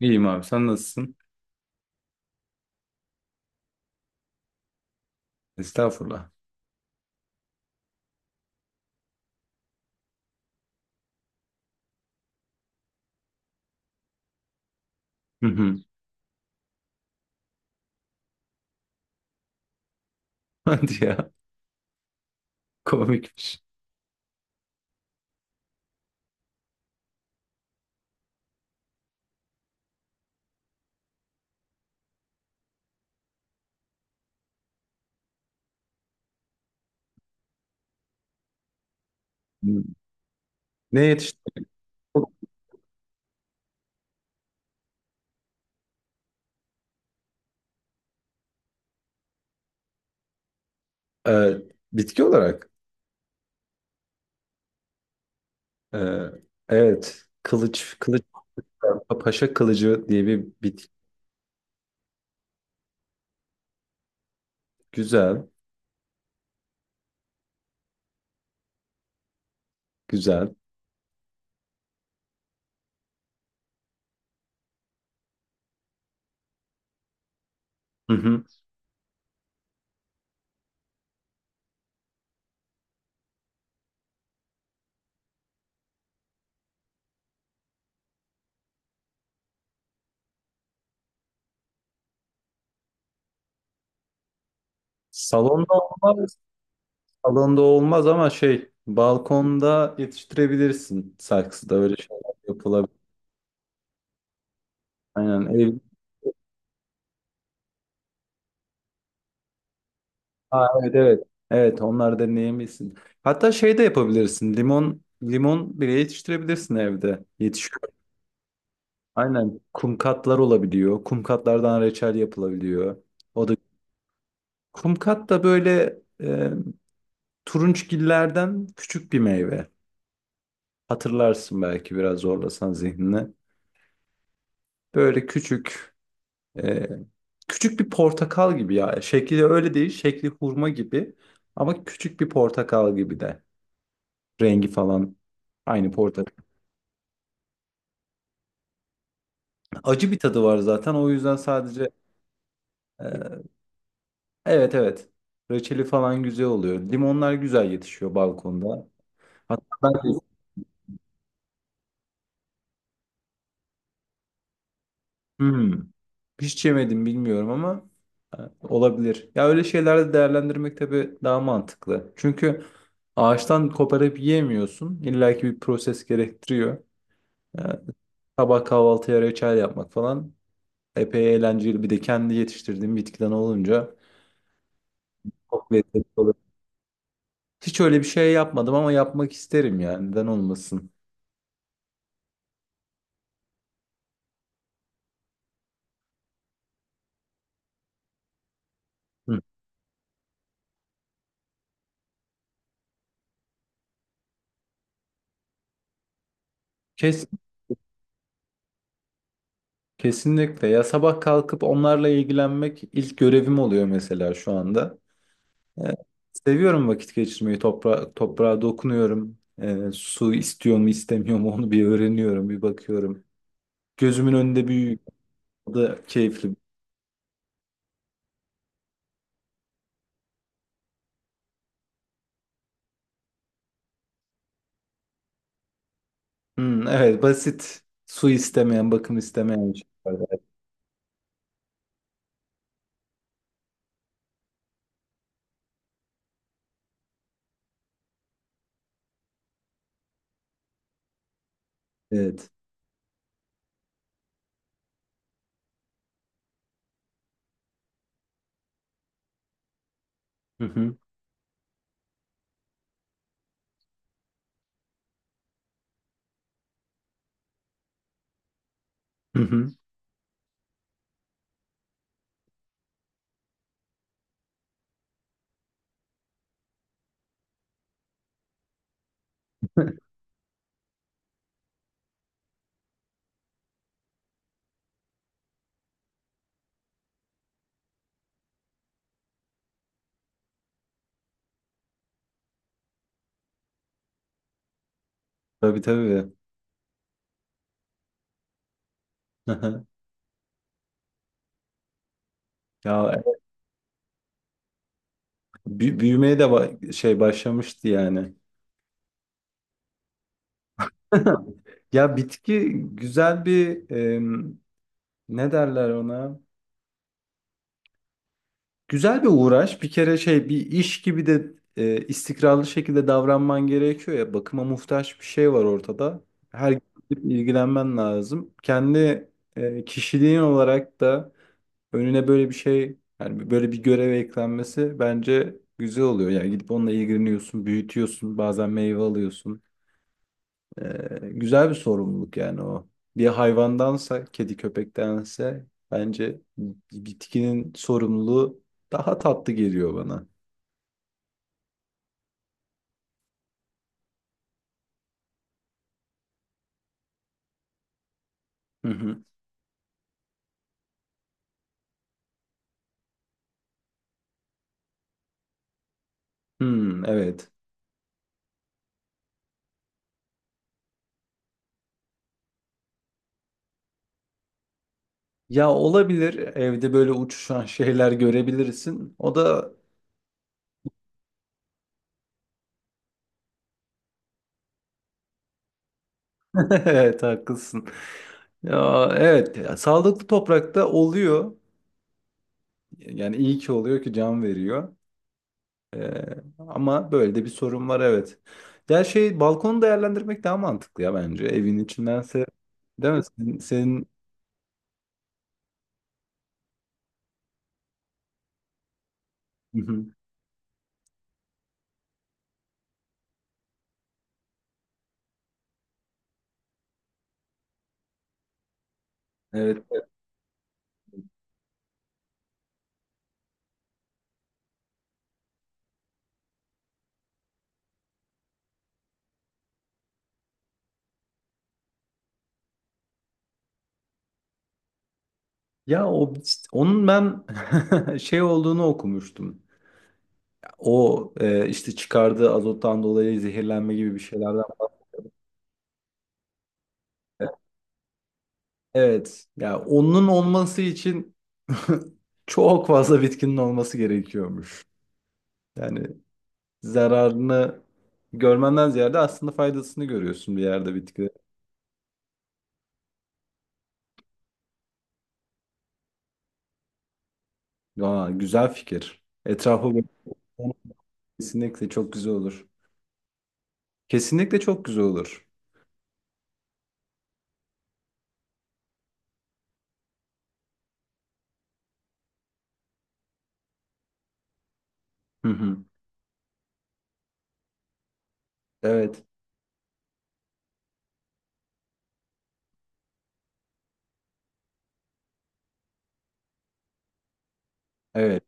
İyiyim abi sen nasılsın? Estağfurullah. Hı hı. Hadi ya komikmiş. Hı. Ne yetişti? Ee, bitki olarak. ee, evet kılıç paşa kılıcı diye bir bitki. Güzel güzel. Hı hı. Salonda olmaz, salonda olmaz ama şey balkonda yetiştirebilirsin. Saksıda öyle şeyler yapılabilir. Aynen ev, Aa, evet evet. Evet onlar deneyebilirsin. Hatta şey de yapabilirsin. Limon bile yetiştirebilirsin evde. Yetişiyor. Aynen. Kumkatlar olabiliyor. Kumkatlardan reçel yapılabiliyor. O da kumkat da böyle turunçgillerden küçük bir meyve. Hatırlarsın belki biraz zorlasan zihnini. Böyle küçük e, küçük bir portakal gibi ya. Şekli öyle değil. Şekli hurma gibi ama küçük bir portakal gibi de. Rengi falan aynı portakal. Acı bir tadı var zaten. O yüzden sadece e, evet evet. Reçeli falan güzel oluyor. Limonlar güzel yetişiyor balkonda. Hatta ben de hmm, hiç yemedim bilmiyorum ama e, olabilir. Ya öyle şeylerde değerlendirmek tabii daha mantıklı. Çünkü ağaçtan koparıp yiyemiyorsun. İlla ki bir proses gerektiriyor. E, sabah kahvaltıya reçel yapmak falan epey eğlenceli. Bir de kendi yetiştirdiğim bitkiden olunca çok lezzetli oluyor. Hiç öyle bir şey yapmadım ama yapmak isterim yani. Neden olmasın? Hı. Kes, kesinlikle. Ya sabah kalkıp onlarla ilgilenmek ilk görevim oluyor mesela şu anda. Ee, seviyorum vakit geçirmeyi. Toprağa dokunuyorum. Su istiyor mu istemiyor mu onu bir öğreniyorum, bir bakıyorum. Gözümün önünde büyüyor. O da keyifli. Hmm, evet basit. Su istemeyen, bakım istemeyen şeyler. Evet. Hı hı. Hı hı. Tabii tabii. Ya büyümeye de şey başlamıştı yani. Ya bitki güzel bir em, ne derler ona? Güzel bir uğraş. Bir kere şey bir iş gibi de istikrarlı şekilde davranman gerekiyor ya. Bakıma muhtaç bir şey var ortada. Her gün gidip ilgilenmen lazım. Kendi kişiliğin olarak da önüne böyle bir şey yani böyle bir görev eklenmesi bence güzel oluyor. Yani gidip onunla ilgileniyorsun, büyütüyorsun, bazen meyve alıyorsun. Güzel bir sorumluluk yani o. Bir hayvandansa, kedi köpektense bence bitkinin sorumluluğu daha tatlı geliyor bana. Hı hı. Hmm, evet. Ya olabilir. Evde böyle uçuşan şeyler görebilirsin. O da evet haklısın. Ya evet ya, sağlıklı toprakta oluyor. Yani iyi ki oluyor ki can veriyor. Ee, ama böyle de bir sorun var evet. Ya şey balkonu değerlendirmek daha mantıklı ya bence evin içindense değil mi? Senin... Hı hı. Evet. Evet. Ya o işte onun ben şey olduğunu okumuştum. O işte çıkardığı azottan dolayı zehirlenme gibi bir şeylerden. Evet. Ya onun olması için çok fazla bitkinin olması gerekiyormuş. Yani zararını görmenden ziyade aslında faydasını görüyorsun bir yerde bitki. Aa, güzel fikir. Etrafı böyle kesinlikle çok güzel olur. Kesinlikle çok güzel olur. Hı hı. Evet. Evet.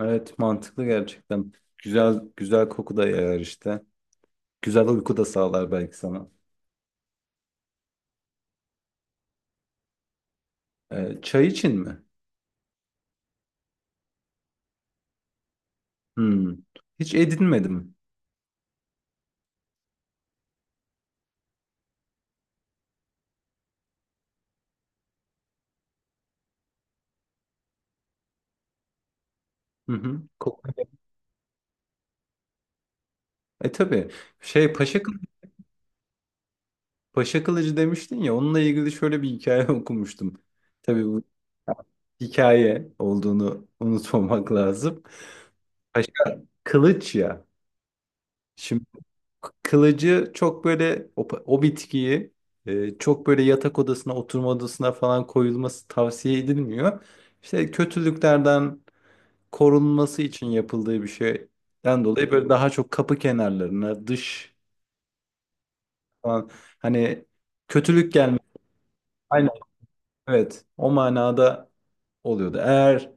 Evet, mantıklı gerçekten. Güzel güzel koku da yayar işte. Güzel uyku da sağlar belki sana. Çay için mi? Hmm. Hiç edinmedim. Hı hı. Koku. E tabii. Şey Paşa, Kıl- Paşa Kılıcı demiştin ya onunla ilgili şöyle bir hikaye okumuştum. Tabii bu hikaye olduğunu unutmamak lazım. Paşa Kılıç ya. Şimdi kılıcı çok böyle o bitkiyi çok böyle yatak odasına, oturma odasına falan koyulması tavsiye edilmiyor. İşte kötülüklerden korunması için yapıldığı bir şeyden dolayı böyle daha çok kapı kenarlarına, dış falan hani kötülük gelmesi. Aynen evet o manada oluyordu.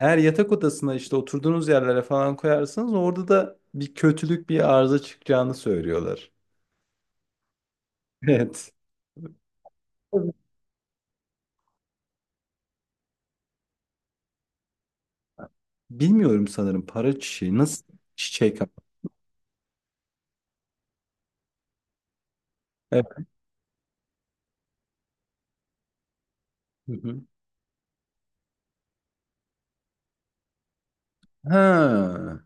Eğer yatak odasına işte oturduğunuz yerlere falan koyarsanız orada da bir kötülük bir arıza çıkacağını söylüyorlar. Evet. Bilmiyorum sanırım para çiçeği. Nasıl çiçek ama? Evet. Hı hı. Ha.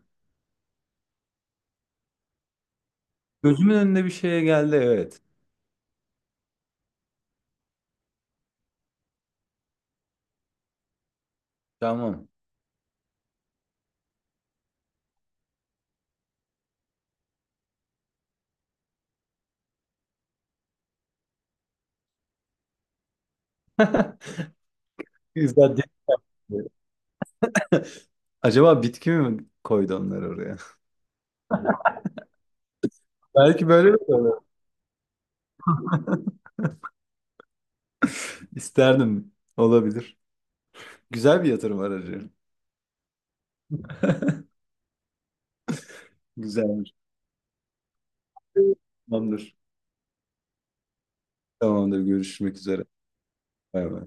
Gözümün önüne bir şeye geldi evet. Tamam. Güzel değil mi? Acaba bitki mi koydu onları oraya? Belki böyle mi koydu? İsterdim. Olabilir. Güzel bir yatırım aracı. Güzelmiş. Tamamdır. Tamamdır. Görüşmek üzere. Bay bay.